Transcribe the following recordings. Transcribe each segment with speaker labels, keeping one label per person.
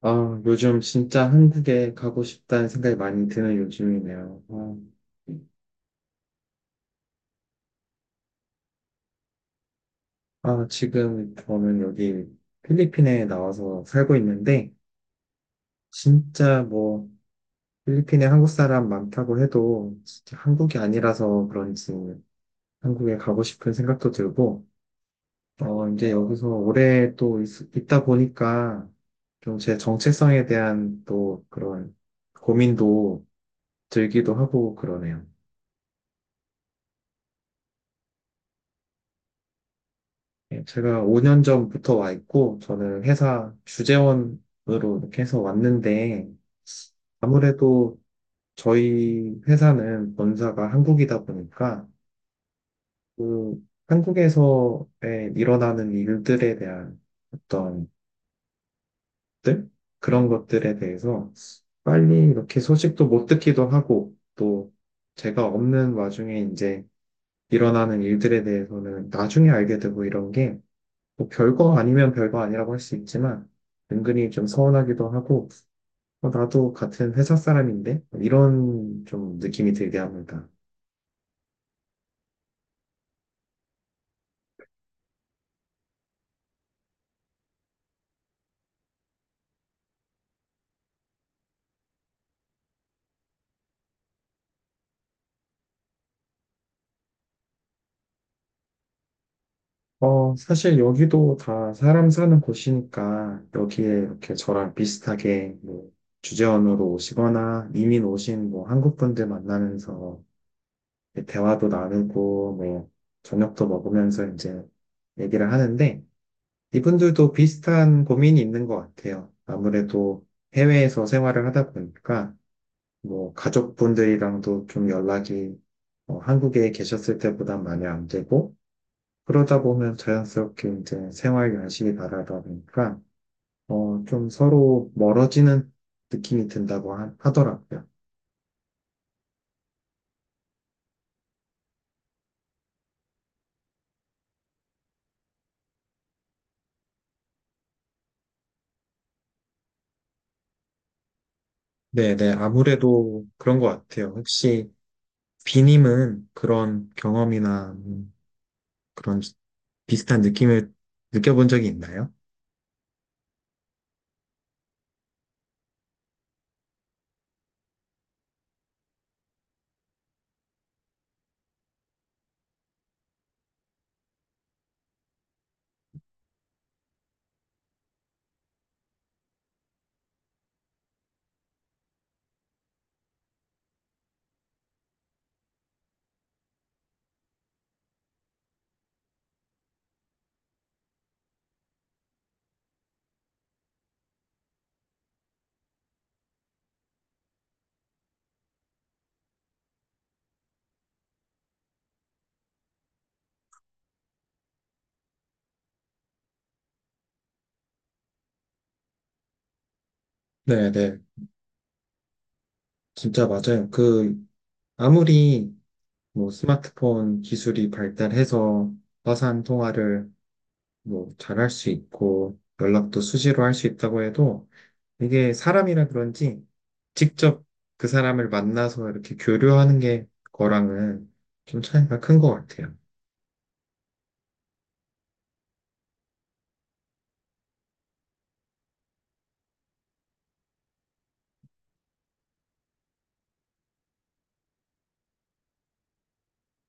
Speaker 1: 아, 요즘 진짜 한국에 가고 싶다는 생각이 많이 드는 요즘이네요. 아, 지금 저는 여기 필리핀에 나와서 살고 있는데, 진짜 뭐, 필리핀에 한국 사람 많다고 해도, 진짜 한국이 아니라서 그런지 한국에 가고 싶은 생각도 들고, 어, 이제 여기서 오래 또 있다 보니까, 좀 제 정체성에 대한 또 그런 고민도 들기도 하고 그러네요. 예, 제가 5년 전부터 와 있고, 저는 회사 주재원으로 이렇게 해서 왔는데, 아무래도 저희 회사는 본사가 한국이다 보니까, 그 한국에서 일어나는 일들에 대한 어떤 것들? 그런 것들에 대해서 빨리 이렇게 소식도 못 듣기도 하고, 또 제가 없는 와중에 이제 일어나는 일들에 대해서는 나중에 알게 되고 이런 게 뭐 별거 아니면 별거 아니라고 할 수 있지만 은근히 좀 서운하기도 하고 어, 나도 같은 회사 사람인데 이런 좀 느낌이 들게 합니다. 어, 사실 여기도 다 사람 사는 곳이니까 여기에 이렇게 저랑 비슷하게 뭐 주재원으로 오시거나 이민 오신 뭐 한국 분들 만나면서 대화도 나누고 뭐 저녁도 먹으면서 이제 얘기를 하는데 이분들도 비슷한 고민이 있는 것 같아요. 아무래도 해외에서 생활을 하다 보니까 뭐 가족분들이랑도 좀 연락이 어, 한국에 계셨을 때보다 많이 안 되고 그러다 보면 자연스럽게 이제 생활 연식이 다르다 보니까 어, 좀 서로 멀어지는 느낌이 든다고 하더라고요. 네네, 아무래도 그런 것 같아요. 혹시 비님은 그런 경험이나 그런 비슷한 느낌을 느껴본 적이 있나요? 네, 네. 진짜 맞아요. 그, 아무리 뭐 스마트폰 기술이 발달해서 화상 통화를 뭐 잘할 수 있고 연락도 수시로 할 수 있다고 해도 이게 사람이라 그런지 직접 그 사람을 만나서 이렇게 교류하는 게 거랑은 좀 차이가 큰 것 같아요.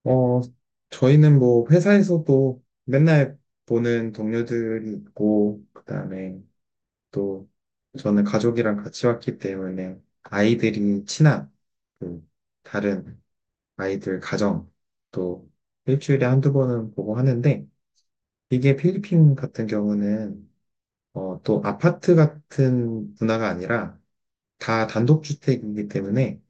Speaker 1: 어, 저희는 뭐 회사에서도 맨날 보는 동료들이 있고, 그다음에 또 저는 가족이랑 같이 왔기 때문에 아이들이 친한 그 다른 아이들 가정 또 일주일에 한두 번은 보고 하는데 이게 필리핀 같은 경우는 어, 또 아파트 같은 문화가 아니라 다 단독주택이기 때문에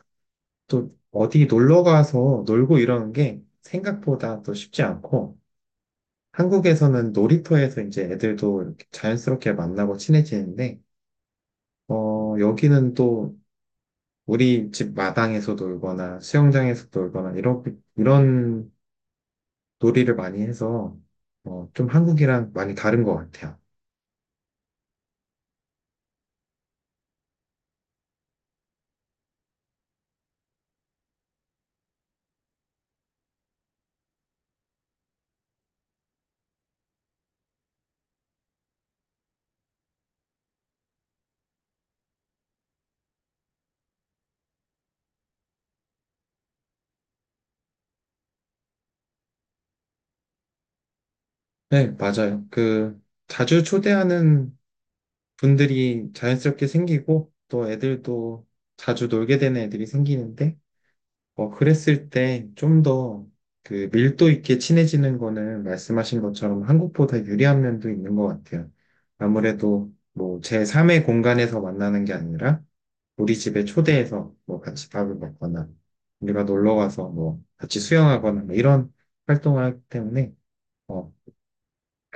Speaker 1: 또 어디 놀러 가서 놀고 이러는 게 생각보다 또 쉽지 않고 한국에서는 놀이터에서 이제 애들도 이렇게 자연스럽게 만나고 친해지는데 어, 여기는 또 우리 집 마당에서 놀거나 수영장에서 놀거나 이렇게 이런 놀이를 많이 해서 어, 좀 한국이랑 많이 다른 것 같아요. 네, 맞아요. 그 자주 초대하는 분들이 자연스럽게 생기고 또 애들도 자주 놀게 되는 애들이 생기는데 어, 그랬을 때 좀 더 그 밀도 있게 친해지는 거는 말씀하신 것처럼 한국보다 유리한 면도 있는 것 같아요. 아무래도 뭐 제3의 공간에서 만나는 게 아니라 우리 집에 초대해서 뭐 같이 밥을 먹거나 우리가 놀러 가서 뭐 같이 수영하거나 뭐 이런 활동을 하기 때문에 어,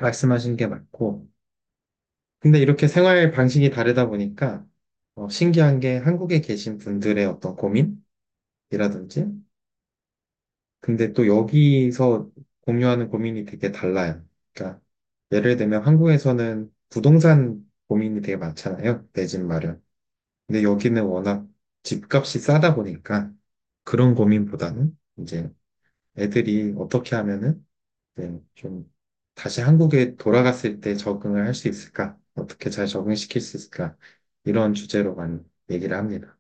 Speaker 1: 말씀하신 게 맞고 근데 이렇게 생활 방식이 다르다 보니까 어, 신기한 게 한국에 계신 분들의 어떤 고민이라든지 근데 또 여기서 공유하는 고민이 되게 달라요. 그러니까 예를 들면 한국에서는 부동산 고민이 되게 많잖아요. 내 집 마련. 근데 여기는 워낙 집값이 싸다 보니까 그런 고민보다는 이제 애들이 어떻게 하면은 이제 좀 다시 한국에 돌아갔을 때 적응을 할 수 있을까? 어떻게 잘 적응시킬 수 있을까? 이런 주제로 많이 얘기를 합니다.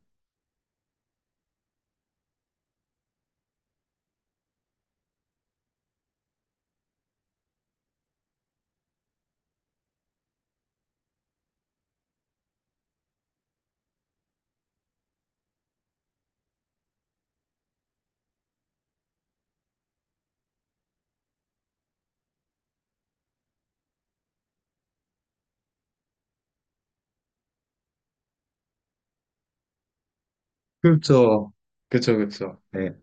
Speaker 1: 그렇죠. 그렇죠, 그렇죠. 네.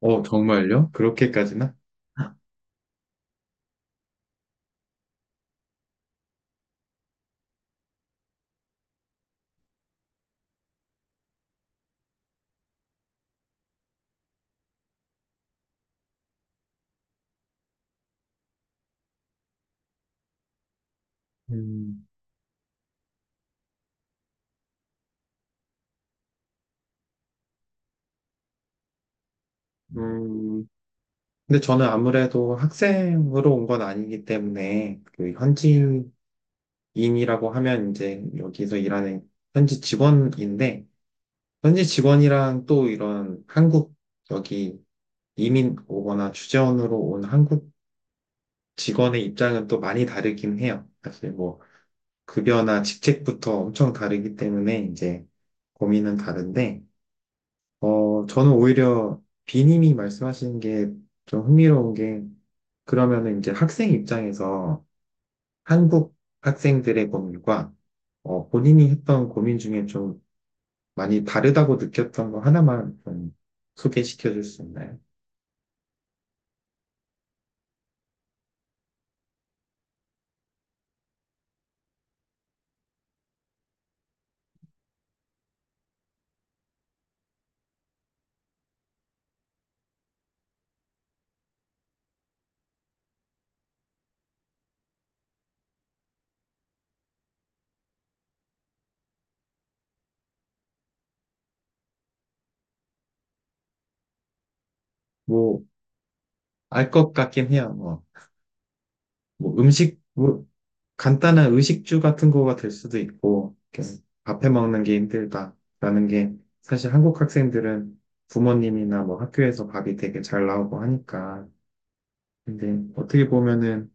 Speaker 1: 어, 정말요? 그렇게까지나? 음, 음. 근데 저는 아무래도 학생으로 온 건 아니기 때문에 그 현지인이라고 하면 이제 여기서 일하는 현지 직원인데 현지 직원이랑 또 이런 한국 여기 이민 오거나 주재원으로 온 한국 직원의 입장은 또 많이 다르긴 해요. 사실 뭐 급여나 직책부터 엄청 다르기 때문에 이제 고민은 다른데 어, 저는 오히려 비님이 말씀하신 게 좀 흥미로운 게 그러면은 이제 학생 입장에서 한국 학생들의 고민과 어, 본인이 했던 고민 중에 좀 많이 다르다고 느꼈던 거 하나만 좀 소개시켜 줄 수 있나요? 뭐, 알 것 같긴 해요. 뭐, 뭐 음식, 뭐 간단한 의식주 같은 거가 될 수도 있고, 이렇게 밥해 먹는 게 힘들다라는 게 사실 한국 학생들은 부모님이나 뭐 학교에서 밥이 되게 잘 나오고 하니까. 근데 어떻게 보면은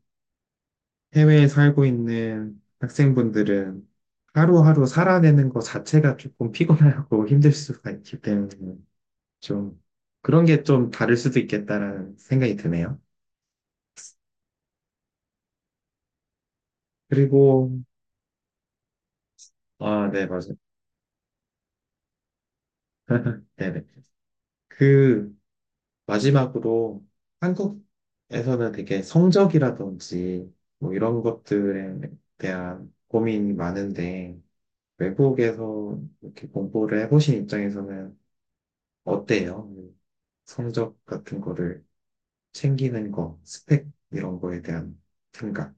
Speaker 1: 해외에 살고 있는 학생분들은 하루하루 살아내는 거 자체가 조금 피곤하고 힘들 수가 있기 때문에 좀 그런 게 좀 다를 수도 있겠다라는 생각이 드네요. 그리고, 아, 네, 맞아요. 네네. 그, 마지막으로 한국에서는 되게 성적이라든지 뭐 이런 것들에 대한 고민이 많은데 외국에서 이렇게 공부를 해보신 입장에서는 어때요? 성적 같은 거를 챙기는 거, 스펙 이런 거에 대한 생각.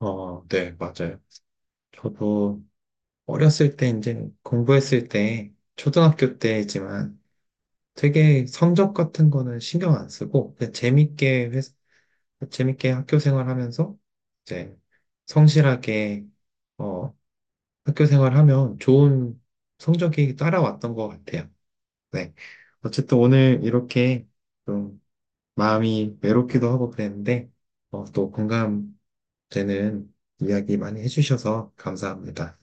Speaker 1: 어, 네, 맞아요. 저도 어렸을 때 이제 공부했을 때 초등학교 때지만 되게 성적 같은 거는 신경 안 쓰고 그냥 재밌게 재밌게 학교 생활하면서 이제 성실하게 어, 학교 생활하면 좋은 성적이 따라왔던 것 같아요. 네. 어쨌든 오늘 이렇게 좀 마음이 외롭기도 하고 그랬는데 어, 또 공감되는 이야기 많이 해주셔서 감사합니다.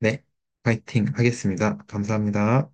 Speaker 1: 네. 파이팅 하겠습니다. 감사합니다.